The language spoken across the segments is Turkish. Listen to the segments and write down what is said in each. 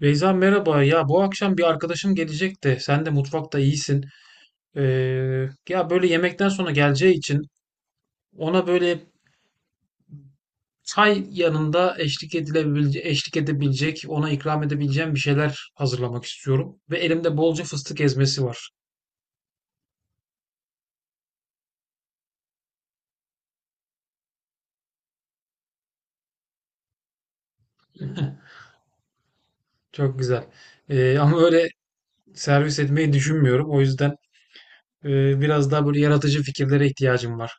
Beyza merhaba. Ya bu akşam bir arkadaşım gelecek de sen de mutfakta iyisin. Ee, Ya böyle yemekten sonra geleceği için ona böyle çay yanında eşlik edebilecek, ona ikram edebileceğim bir şeyler hazırlamak istiyorum. Ve elimde bolca fıstık ezmesi var. Çok güzel. Ama öyle servis etmeyi düşünmüyorum. O yüzden biraz daha böyle yaratıcı fikirlere ihtiyacım var.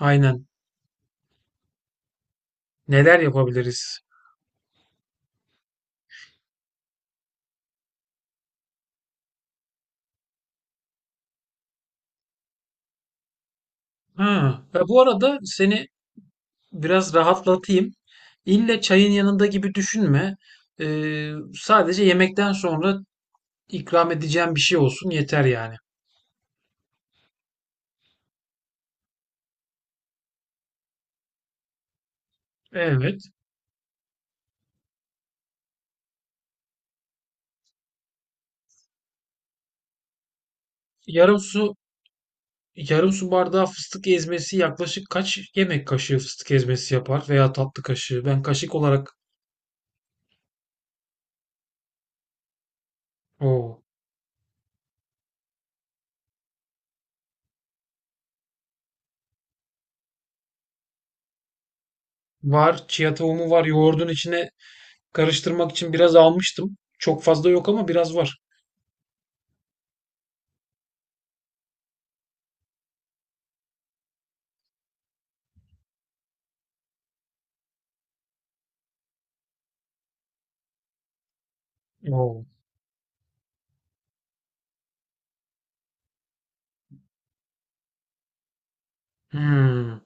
Aynen. Neler yapabiliriz? Ha, bu arada seni biraz rahatlatayım. İlle çayın yanında gibi düşünme. Sadece yemekten sonra ikram edeceğim bir şey olsun yeter yani. Evet. Yarım su Yarım su bardağı fıstık ezmesi yaklaşık kaç yemek kaşığı fıstık ezmesi yapar veya tatlı kaşığı. Ben kaşık olarak o var. Chia tohumu var. Yoğurdun içine karıştırmak için biraz almıştım. Çok fazla yok ama biraz var. Oo. Hmm,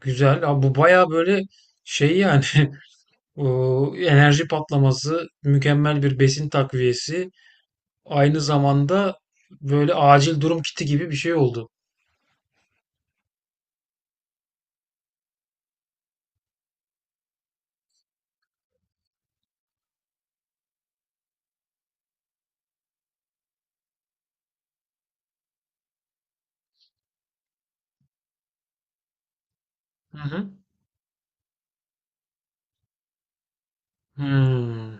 güzel. Abi bu baya böyle şey yani. O enerji patlaması, mükemmel bir besin takviyesi, aynı zamanda böyle acil durum kiti gibi bir şey oldu. Hı hı. Hmm.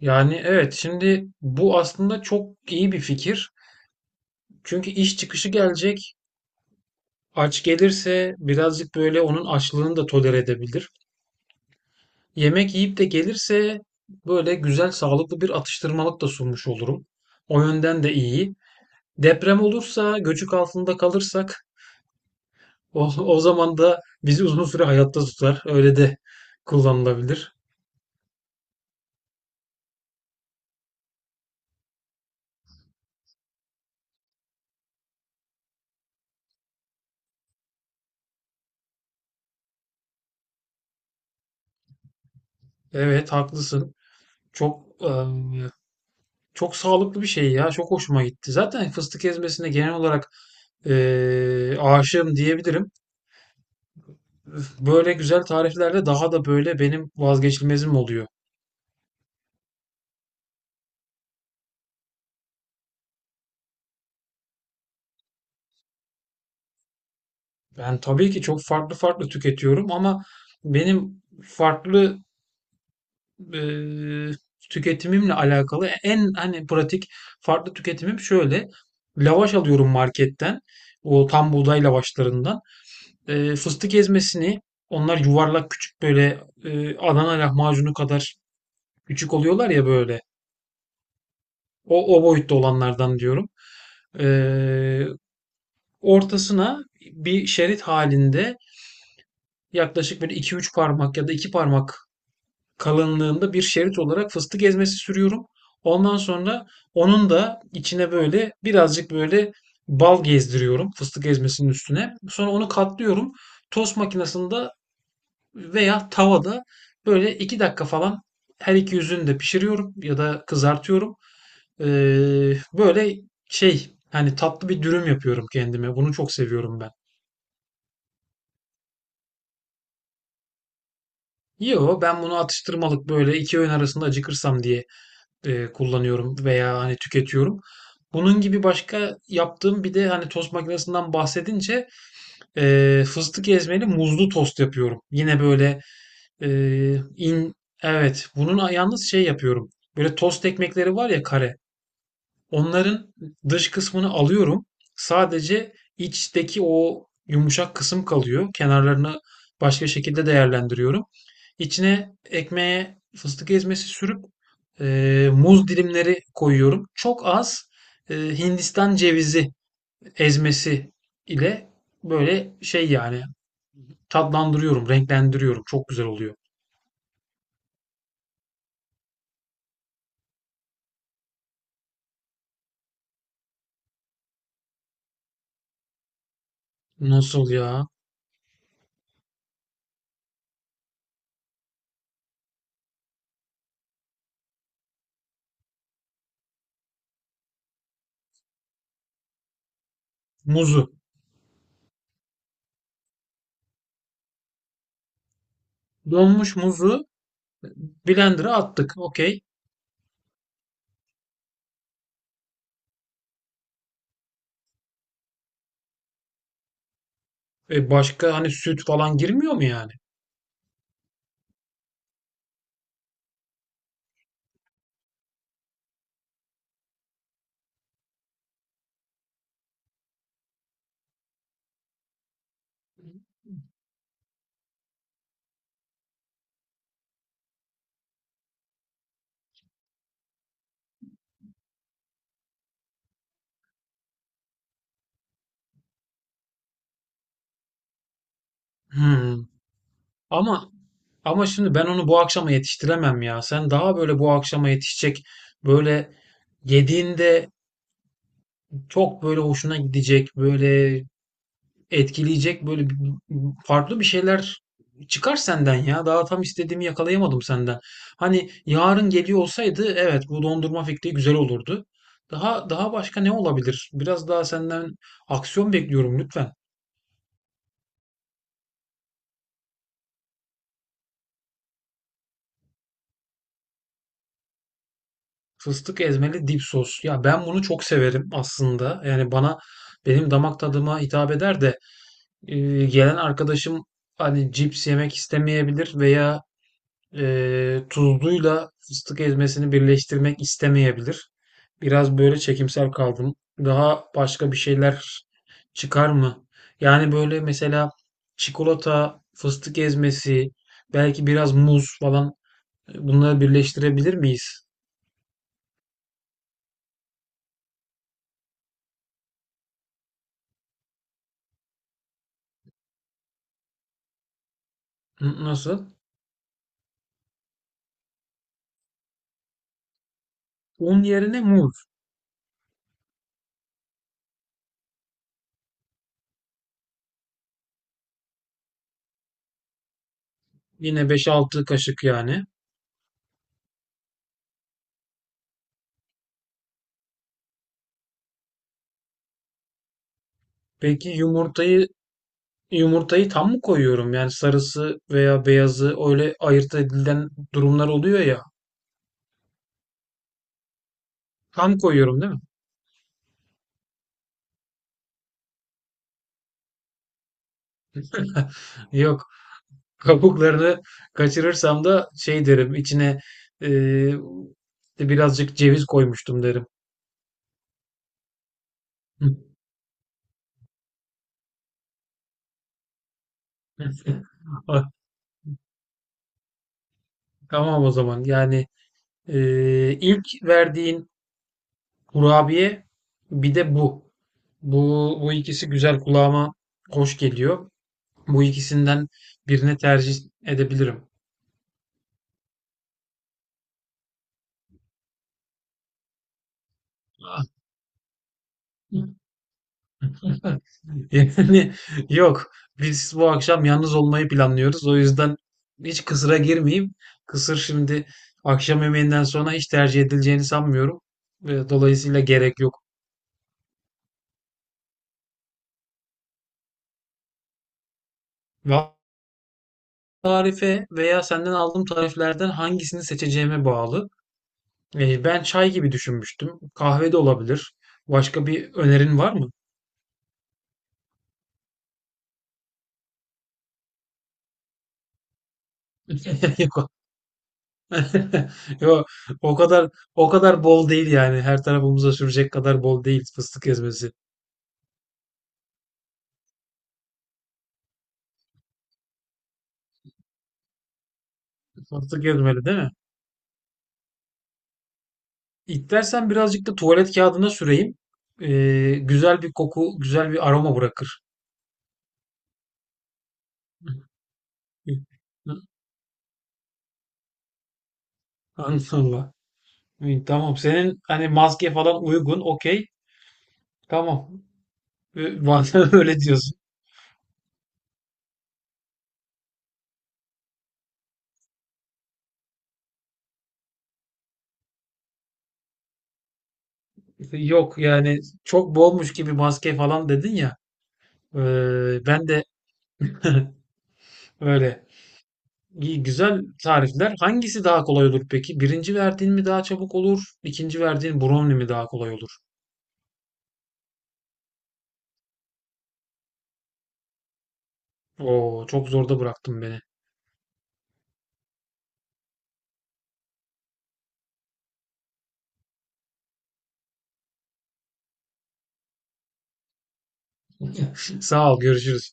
Yani evet, şimdi bu aslında çok iyi bir fikir. Çünkü iş çıkışı gelecek. Aç gelirse birazcık böyle onun açlığını da tolere edebilir. Yemek yiyip de gelirse böyle güzel sağlıklı bir atıştırmalık da sunmuş olurum. O yönden de iyi. Deprem olursa, göçük altında kalırsak o zaman da bizi uzun süre hayatta tutar. Öyle de kullanılabilir. Evet, haklısın. Çok eee, çok sağlıklı bir şey ya. Çok hoşuma gitti. Zaten fıstık ezmesine genel olarak aşığım diyebilirim. Böyle güzel tariflerde daha da böyle benim vazgeçilmezim oluyor. Ben tabii ki çok farklı farklı tüketiyorum ama benim farklı e, tüketimimle alakalı en hani pratik farklı tüketimim şöyle. Lavaş alıyorum marketten. O tam buğday lavaşlarından. Fıstık ezmesini onlar yuvarlak küçük böyle Adana lahmacunu kadar küçük oluyorlar ya böyle. O boyutta olanlardan diyorum. E, Ortasına bir şerit halinde yaklaşık böyle iki üç parmak ya da 2 parmak kalınlığında bir şerit olarak fıstık ezmesi sürüyorum. Ondan sonra onun da içine böyle birazcık böyle bal gezdiriyorum fıstık ezmesinin üstüne. Sonra onu katlıyorum. Tost makinesinde veya tavada böyle 2 dakika falan her iki yüzünü de pişiriyorum ya da kızartıyorum. Böyle şey hani tatlı bir dürüm yapıyorum kendime. Bunu çok seviyorum ben. Yo, ben bunu atıştırmalık böyle 2 öğün arasında acıkırsam diye kullanıyorum veya hani tüketiyorum. Bunun gibi başka yaptığım bir de hani tost makinesinden bahsedince fıstık ezmeli muzlu tost yapıyorum. Yine böyle in evet bunun yalnız şey yapıyorum. Böyle tost ekmekleri var ya kare. Onların dış kısmını alıyorum. Sadece içteki o yumuşak kısım kalıyor. Kenarlarını başka şekilde değerlendiriyorum. İçine ekmeğe fıstık ezmesi sürüp muz dilimleri koyuyorum. Çok az Hindistan cevizi ezmesi ile böyle şey yani tatlandırıyorum, renklendiriyorum. Çok güzel oluyor. Nasıl ya? Muzu. Donmuş muzu blender'a attık. Okey. Başka hani süt falan girmiyor mu yani? Hmm. Ama ama şimdi ben onu bu akşama yetiştiremem ya. Sen daha böyle bu akşama yetişecek böyle yediğinde çok böyle hoşuna gidecek, böyle etkileyecek böyle farklı bir şeyler çıkar senden ya. Daha tam istediğimi yakalayamadım senden. Hani yarın geliyor olsaydı evet bu dondurma fikri güzel olurdu. Daha başka ne olabilir? Biraz daha senden aksiyon bekliyorum lütfen. Fıstık ezmeli dip sos. Ya ben bunu çok severim aslında. Yani bana benim damak tadıma hitap eder de e, gelen arkadaşım hani cips yemek istemeyebilir veya tuzluyla fıstık ezmesini birleştirmek istemeyebilir. Biraz böyle çekimsel kaldım. Daha başka bir şeyler çıkar mı? Yani böyle mesela çikolata, fıstık ezmesi, belki biraz muz falan bunları birleştirebilir miyiz? Nasıl? Un yerine muz. Yine 5-6 kaşık yani. Peki yumurtayı tam mı koyuyorum? Yani sarısı veya beyazı öyle ayırt edilen durumlar oluyor ya. Tam koyuyorum değil mi? Yok. Kabuklarını kaçırırsam da şey derim içine eee, işte birazcık ceviz koymuştum derim. Ah, tamam o zaman. Yani ilk verdiğin kurabiye bir de bu. Bu ikisi güzel kulağıma hoş geliyor. Bu ikisinden birini tercih edebilirim. Yani yok. Biz bu akşam yalnız olmayı planlıyoruz. O yüzden hiç kısıra girmeyeyim. Kısır şimdi akşam yemeğinden sonra hiç tercih edileceğini sanmıyorum. Ve dolayısıyla gerek yok. Va- Tarife veya senden aldığım tariflerden hangisini seçeceğime bağlı. Ben çay gibi düşünmüştüm. Kahve de olabilir. Başka bir önerin var mı? Yok. Yok. O kadar O kadar bol değil yani. Her tarafımıza sürecek kadar bol değil fıstık ezmesi. Fıstık ezmeli değil mi? İstersen birazcık da tuvalet kağıdına süreyim. Güzel bir koku, güzel bir aroma bırakır. Allah. Tamam. Senin hani maske falan uygun. Okey. Tamam. Ee, Öyle diyorsun. İşte, yok yani çok bolmuş gibi maske falan dedin ya. Ben de öyle. İyi, güzel tarifler. Hangisi daha kolay olur peki? Birinci verdiğin mi daha çabuk olur? İkinci verdiğin brownie mi daha kolay olur? Oo, çok zorda bıraktın beni. Sağ ol, görüşürüz.